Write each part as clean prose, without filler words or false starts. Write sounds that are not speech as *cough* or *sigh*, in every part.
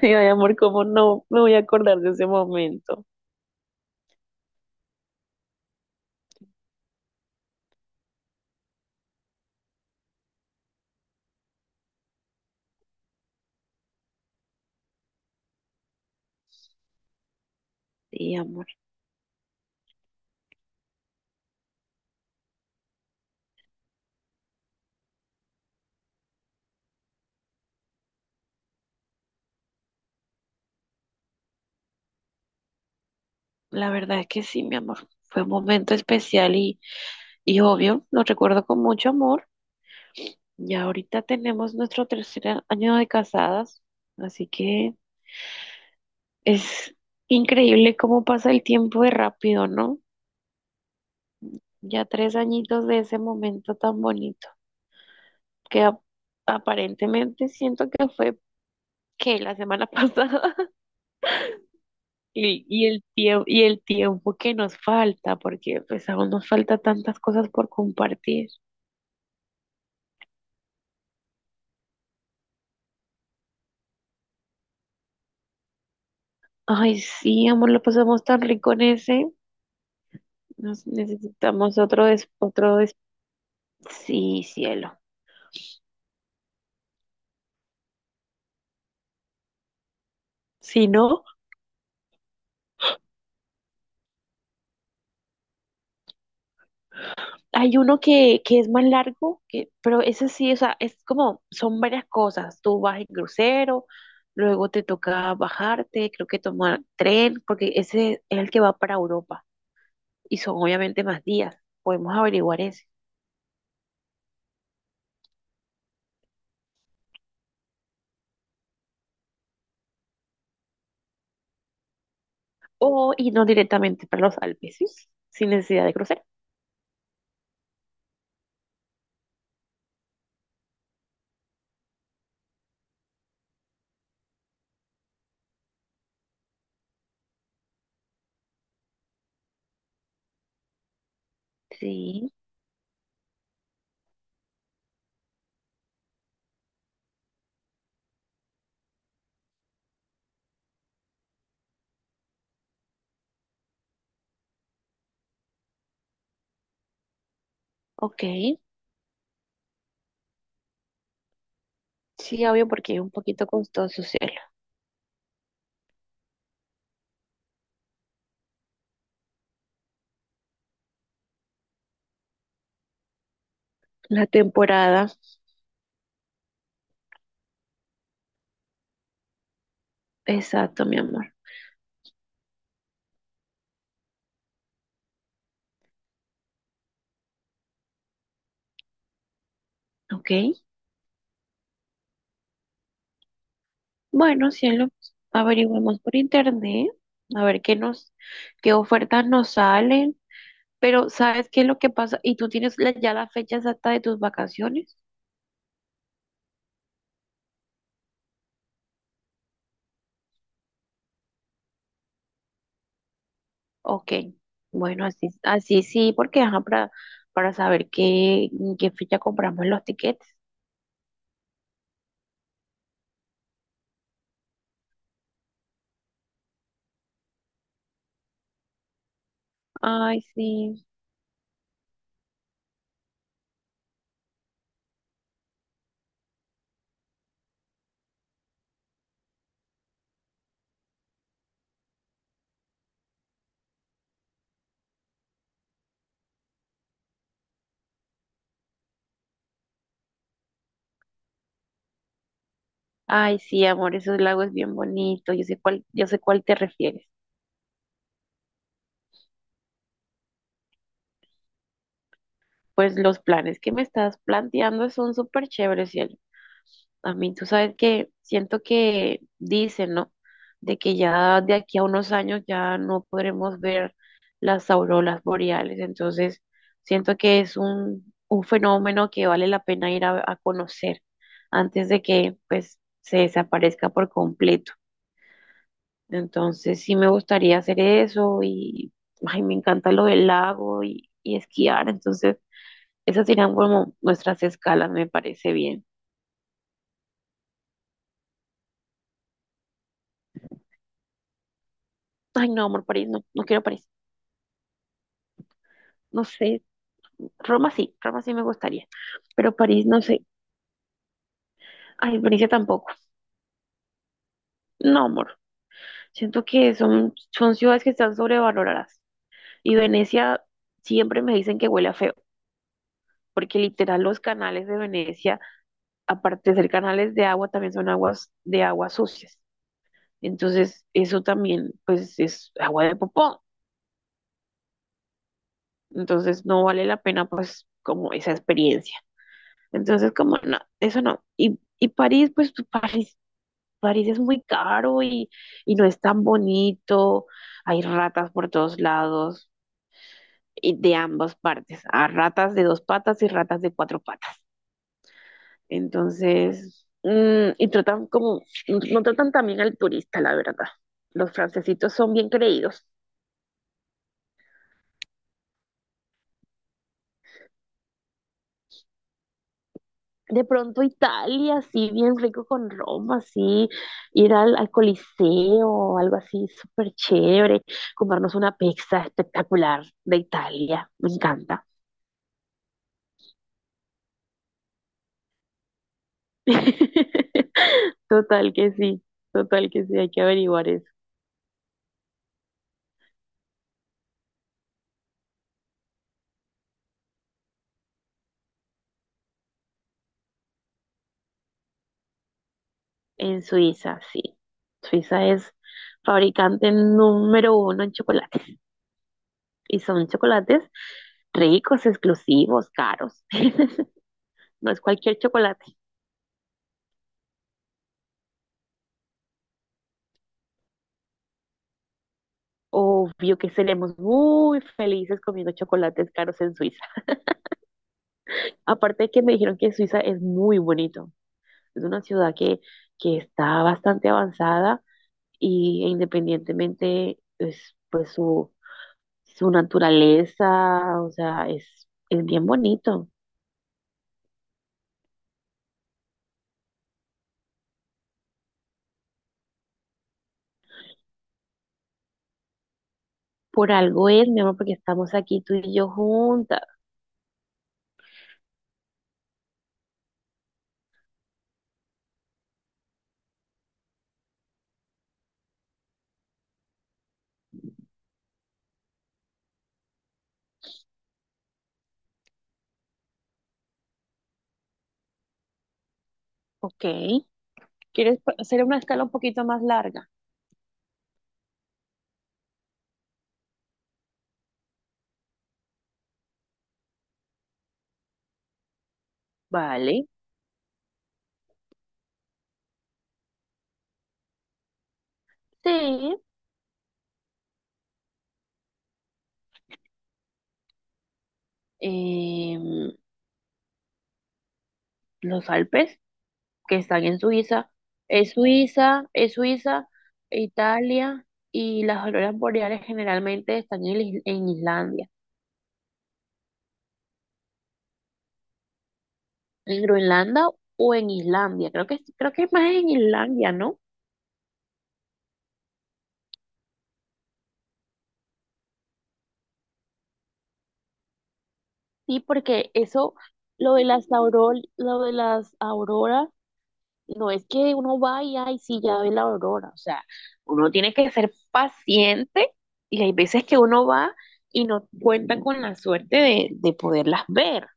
Y yo, ay, amor, ¿cómo no me voy a acordar de ese momento? Sí, amor, la verdad es que sí, mi amor. Fue un momento especial y obvio, lo recuerdo con mucho amor. Ya ahorita tenemos nuestro tercer año de casadas, así que es increíble cómo pasa el tiempo de rápido, ¿no? Ya tres añitos de ese momento tan bonito, que ap- aparentemente siento que fue que la semana *laughs* pasada. Y el tiempo, y el tiempo que nos falta, porque pues aún nos falta tantas cosas por compartir. Ay, sí, amor, lo pasamos tan rico en ese. Nos necesitamos otro… Sí, cielo. Si no, hay uno que es más largo, que, pero ese sí, o sea, es como, son varias cosas. Tú vas en crucero, luego te toca bajarte, creo que tomar tren, porque ese es el que va para Europa. Y son obviamente más días. Podemos averiguar ese. O irnos directamente para los Alpes, ¿sí? Sin necesidad de cruzar. Sí. Ok, sí, obvio, porque es un poquito costoso, cielo. La temporada, exacto, mi amor. Ok, bueno, cielo, averiguamos por internet, a ver qué ofertas nos salen, pero ¿sabes qué es lo que pasa? ¿Y tú tienes ya la fecha exacta de tus vacaciones? Ok, bueno, así, así sí, porque ajá, para saber qué, en qué fecha compramos los tiquetes. Ay, sí. Ay, sí, amor, esos lagos es bien bonito. Yo sé cuál te refieres. Pues los planes que me estás planteando son súper chéveres, cielo. A mí, tú sabes que siento que dicen, ¿no? De que ya de aquí a unos años ya no podremos ver las auroras boreales. Entonces, siento que es un fenómeno que vale la pena ir a conocer antes de que, pues, se desaparezca por completo. Entonces sí me gustaría hacer eso y ay, me encanta lo del lago y esquiar. Entonces esas serían como nuestras escalas, me parece bien. Ay, no, amor, París, no, no quiero París. No sé, Roma sí me gustaría, pero París no sé. Ay, Venecia tampoco. No, amor, siento que son, son ciudades que están sobrevaloradas. Y Venecia siempre me dicen que huele a feo, porque literal los canales de Venecia, aparte de ser canales de agua, también son aguas de aguas sucias. Entonces, eso también, pues, es agua de popó. Entonces, no vale la pena, pues, como esa experiencia. Entonces, como, no, eso no. Y París, pues, París, París es muy caro y no es tan bonito. Hay ratas por todos lados y de ambas partes. Hay ratas de dos patas y ratas de cuatro patas. Entonces, y tratan como, no tratan también al turista, la verdad. Los francesitos son bien creídos. De pronto Italia, así bien rico con Roma, así ir al Coliseo, algo así súper chévere, comprarnos una pizza espectacular de Italia, me encanta. *laughs* Total que sí, total que sí, hay que averiguar eso. En Suiza, sí. Suiza es fabricante número 1 en chocolates y son chocolates ricos, exclusivos, caros. *laughs* No es cualquier chocolate. Obvio que seremos muy felices comiendo chocolates caros en Suiza. Aparte de que me dijeron que Suiza es muy bonito. Es una ciudad que está bastante avanzada y e independientemente es, pues su naturaleza, o sea, es bien bonito. Por algo es, mi amor, porque estamos aquí tú y yo juntas. Ok. ¿Quieres hacer una escala un poquito más larga? Vale. Sí. Em, los Alpes que están en Suiza. Es Suiza, Italia y las auroras boreales generalmente están en, en Islandia, en Groenlandia o en Islandia. Creo que es más en Islandia, ¿no? Sí, porque eso, lo de las auroras, no es que uno vaya y sí ya ve la aurora. O sea, uno tiene que ser paciente y hay veces que uno va y no cuenta con la suerte de poderlas ver.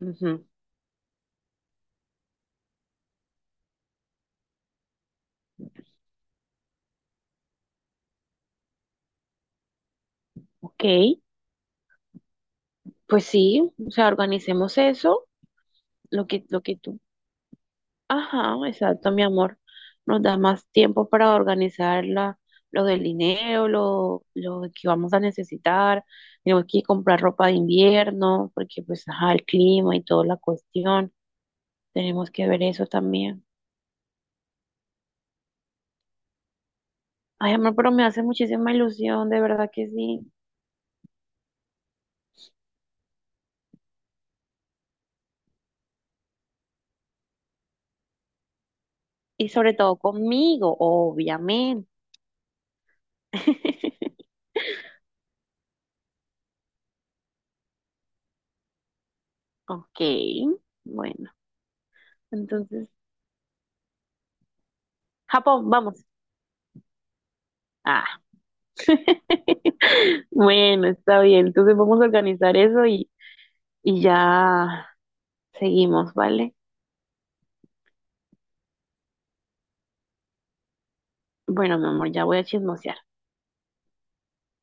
Ujú, ok. Pues sí, o sea, organicemos eso, lo que tú. Ajá, exacto, mi amor. Nos da más tiempo para organizar lo del dinero, lo que vamos a necesitar. Tenemos que comprar ropa de invierno, porque pues, ajá, el clima y toda la cuestión. Tenemos que ver eso también. Ay, amor, pero me hace muchísima ilusión, de verdad que sí. Y sobre todo conmigo, obviamente. *laughs* Ok, bueno, entonces, Japón, vamos. Ah, *laughs* Bueno, está bien. Entonces vamos a organizar eso y ya seguimos, ¿vale? Bueno, mi amor, ya voy a chismosear.